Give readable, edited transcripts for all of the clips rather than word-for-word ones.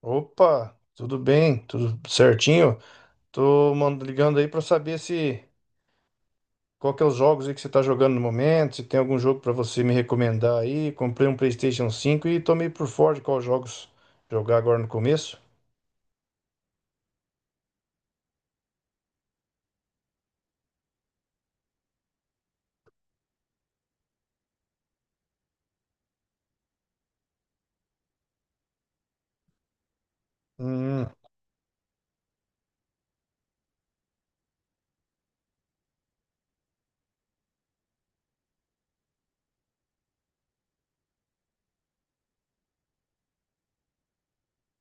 Opa, tudo bem? Tudo certinho? Ligando aí pra saber se qual que é os jogos aí que você tá jogando no momento, se tem algum jogo pra você me recomendar aí. Comprei um PlayStation cinco e tô meio por fora de quais jogos jogar agora no começo. Hum,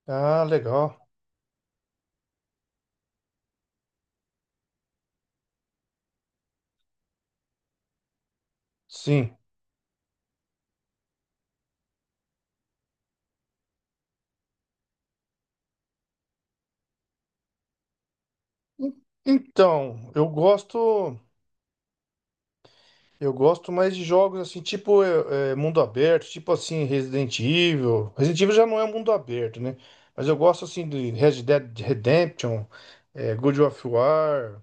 ah, legal. Sim. Então, eu gosto. Eu gosto mais de jogos assim, tipo mundo aberto, tipo assim Resident Evil. Resident Evil já não é um mundo aberto, né? Mas eu gosto assim de Red Dead Redemption, God of War,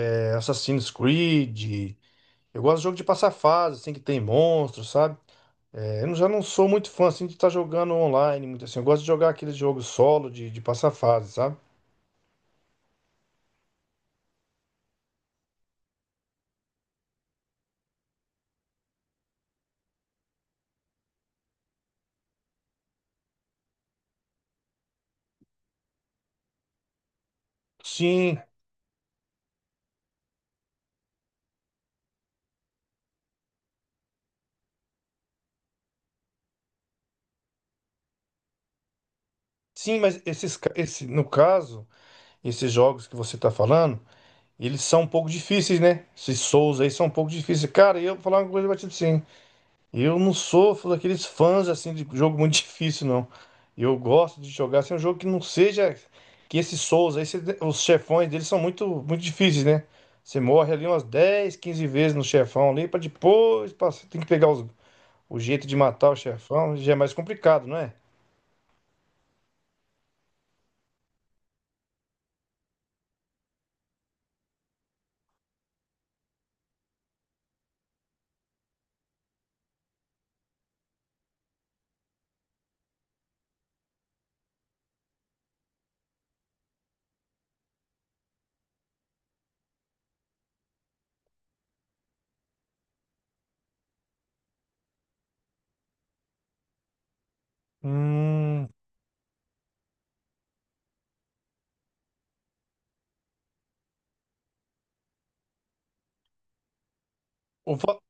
Assassin's Creed. Eu gosto de jogo de passar fase, assim, que tem monstros, sabe? É, eu não- Já não sou muito fã assim de estar jogando online, muito assim. Eu gosto de jogar aqueles jogos solo de passar fase, sabe? Sim, sim, mas esse, no caso, esses jogos que você tá falando. Eles são um pouco difíceis, né? Esses Souls aí são um pouco difíceis. Cara, eu vou falar uma coisa pra ti, sim. Eu não sofro daqueles fãs assim de jogo muito difícil, não. Eu gosto de jogar assim, um jogo que não seja que esses Souls aí, os chefões deles são muito, muito difíceis, né? Você morre ali umas 10, 15 vezes no chefão ali, pra depois passar. Tem que pegar os- O jeito de matar o chefão já é mais complicado, não é? Hum, o, va-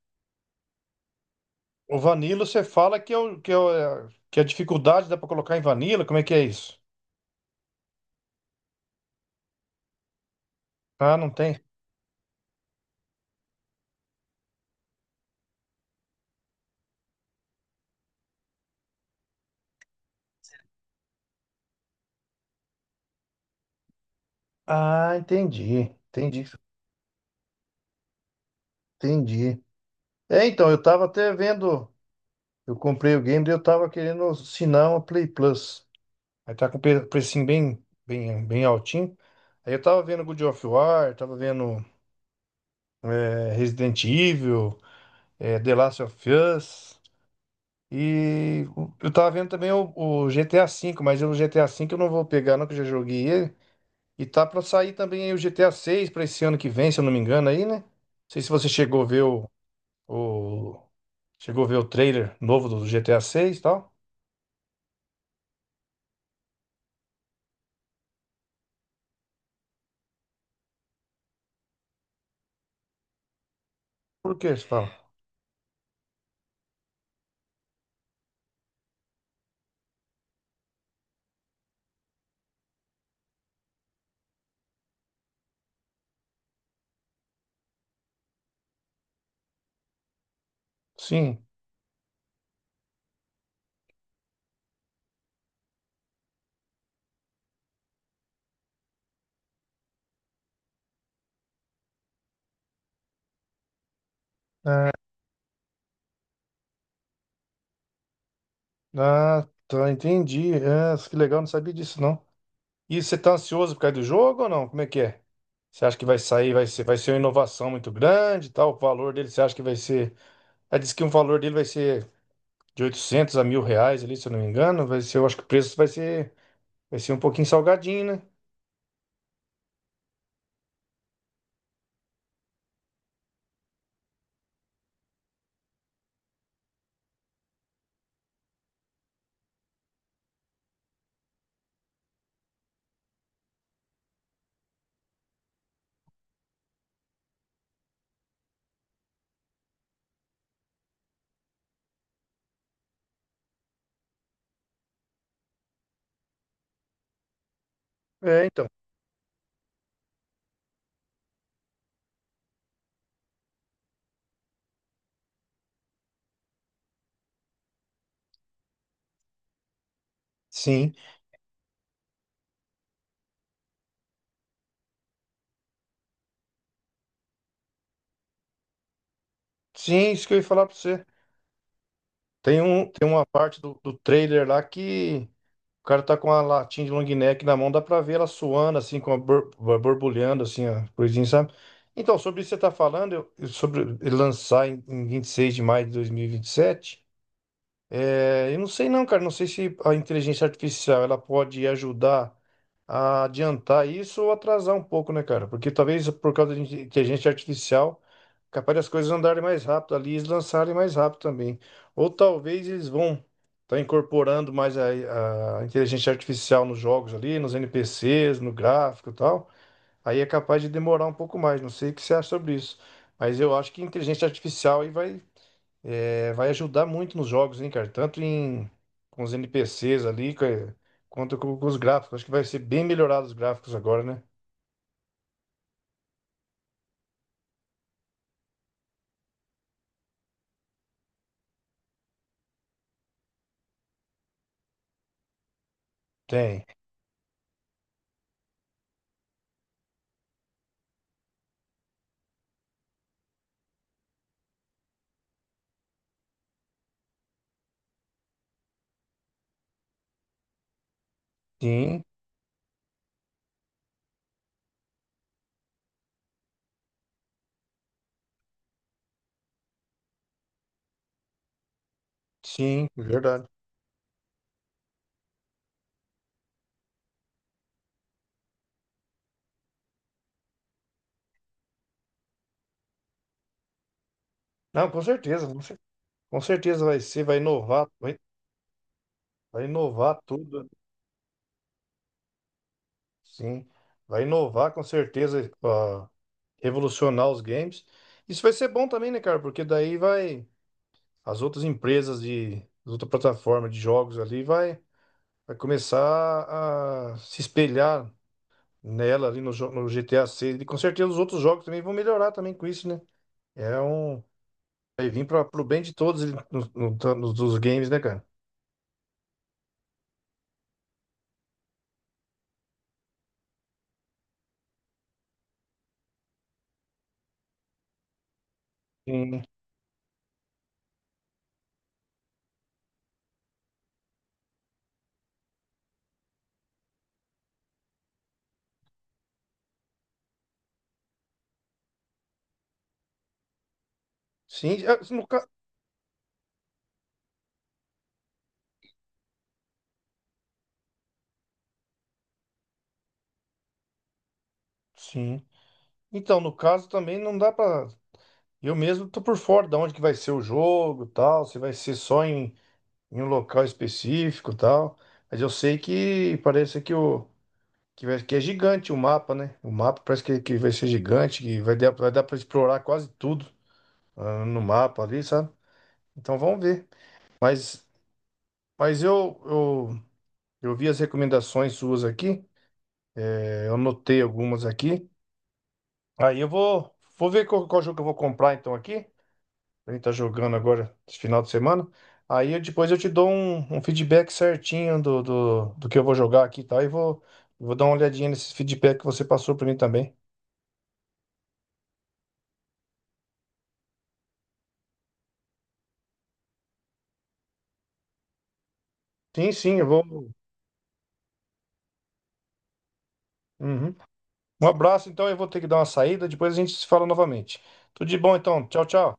o Vanilla, você fala que a dificuldade dá pra colocar em Vanilla? Como é que é isso? Ah, não tem? Ah, entendi. Entendi. Entendi. É, então, eu tava até vendo. Eu comprei o game e eu tava querendo assinar uma Play Plus. Aí tá com precinho bem altinho. Aí eu tava vendo God of War, tava vendo Resident Evil, The Last of Us. E eu tava vendo também o GTA V, mas o GTA V eu não vou pegar, não, que eu já joguei ele. E tá pra sair também aí o GTA 6 pra esse ano que vem, se eu não me engano, aí, né? Não sei se você chegou a ver o... Chegou a ver o trailer novo do GTA 6 e tal? Por que você fala? Sim. Ah, tá, entendi. Ah, que legal, não sabia disso, não. E você tá ansioso por causa do jogo ou não? Como é que é? Você acha que vai sair, vai ser uma inovação muito grande e tal? O valor dele, você acha que vai ser... Ah, diz que o valor dele vai ser de 800 a mil reais ali, se eu não me engano. Eu acho que o preço vai ser um pouquinho salgadinho, né? É, então. Sim. Sim, isso que eu ia falar pra você. Tem uma parte do trailer lá que o cara tá com a latinha de long neck na mão, dá pra ver ela suando, assim, com a borbulhando, assim, a coisinha, sabe? Então, sobre isso que você tá falando, eu sobre ele lançar em 26 de maio de dois mil e vinte e sete, é, eu não sei não, cara. Não sei se a inteligência artificial ela pode ajudar a adiantar isso ou atrasar um pouco, né, cara? Porque talvez por causa da inteligência artificial, capaz das coisas andarem mais rápido ali, eles lançarem mais rápido também. Ou talvez eles vão estar incorporando mais a inteligência artificial nos jogos ali, nos NPCs, no gráfico e tal. Aí é capaz de demorar um pouco mais. Não sei o que você acha sobre isso. Mas eu acho que inteligência artificial aí vai vai ajudar muito nos jogos, hein, cara? Com os NPCs ali, quanto com os gráficos. Acho que vai ser bem melhorado os gráficos agora, né? Tem. Sim, sim, verdade. Não, com certeza. Com certeza vai inovar, vai inovar tudo. Sim, vai inovar com certeza, ó, revolucionar os games. Isso vai ser bom também, né, cara? As outras as outras plataformas de jogos vai começar a se espelhar nela ali no GTA 6. E com certeza os outros jogos também vão melhorar também com isso, né? É um. Vai vir para pro bem de todos dos games, né, cara? Sim. Sim, é, no ca... Sim. Então, no caso também não dá pra. Eu mesmo tô por fora de onde que vai ser o jogo, e tal, se vai ser só em um local específico, e tal. Mas eu sei que parece que é gigante o mapa, né? O mapa parece que vai ser gigante, que vai dar para explorar quase tudo ah, no mapa ali, sabe? Então vamos ver. Mas, mas eu vi as recomendações suas aqui, é, eu anotei algumas aqui. Aí vou ver qual jogo que eu vou comprar então aqui. A gente tá jogando agora esse final de semana. Depois eu te dou um feedback certinho do que eu vou jogar aqui e tal. Vou dar uma olhadinha nesse feedback que você passou para mim também. Sim, sim, eu vou. Uhum. Um abraço, então eu vou ter que dar uma saída, depois a gente se fala novamente. Tudo de bom, então. Tchau, tchau.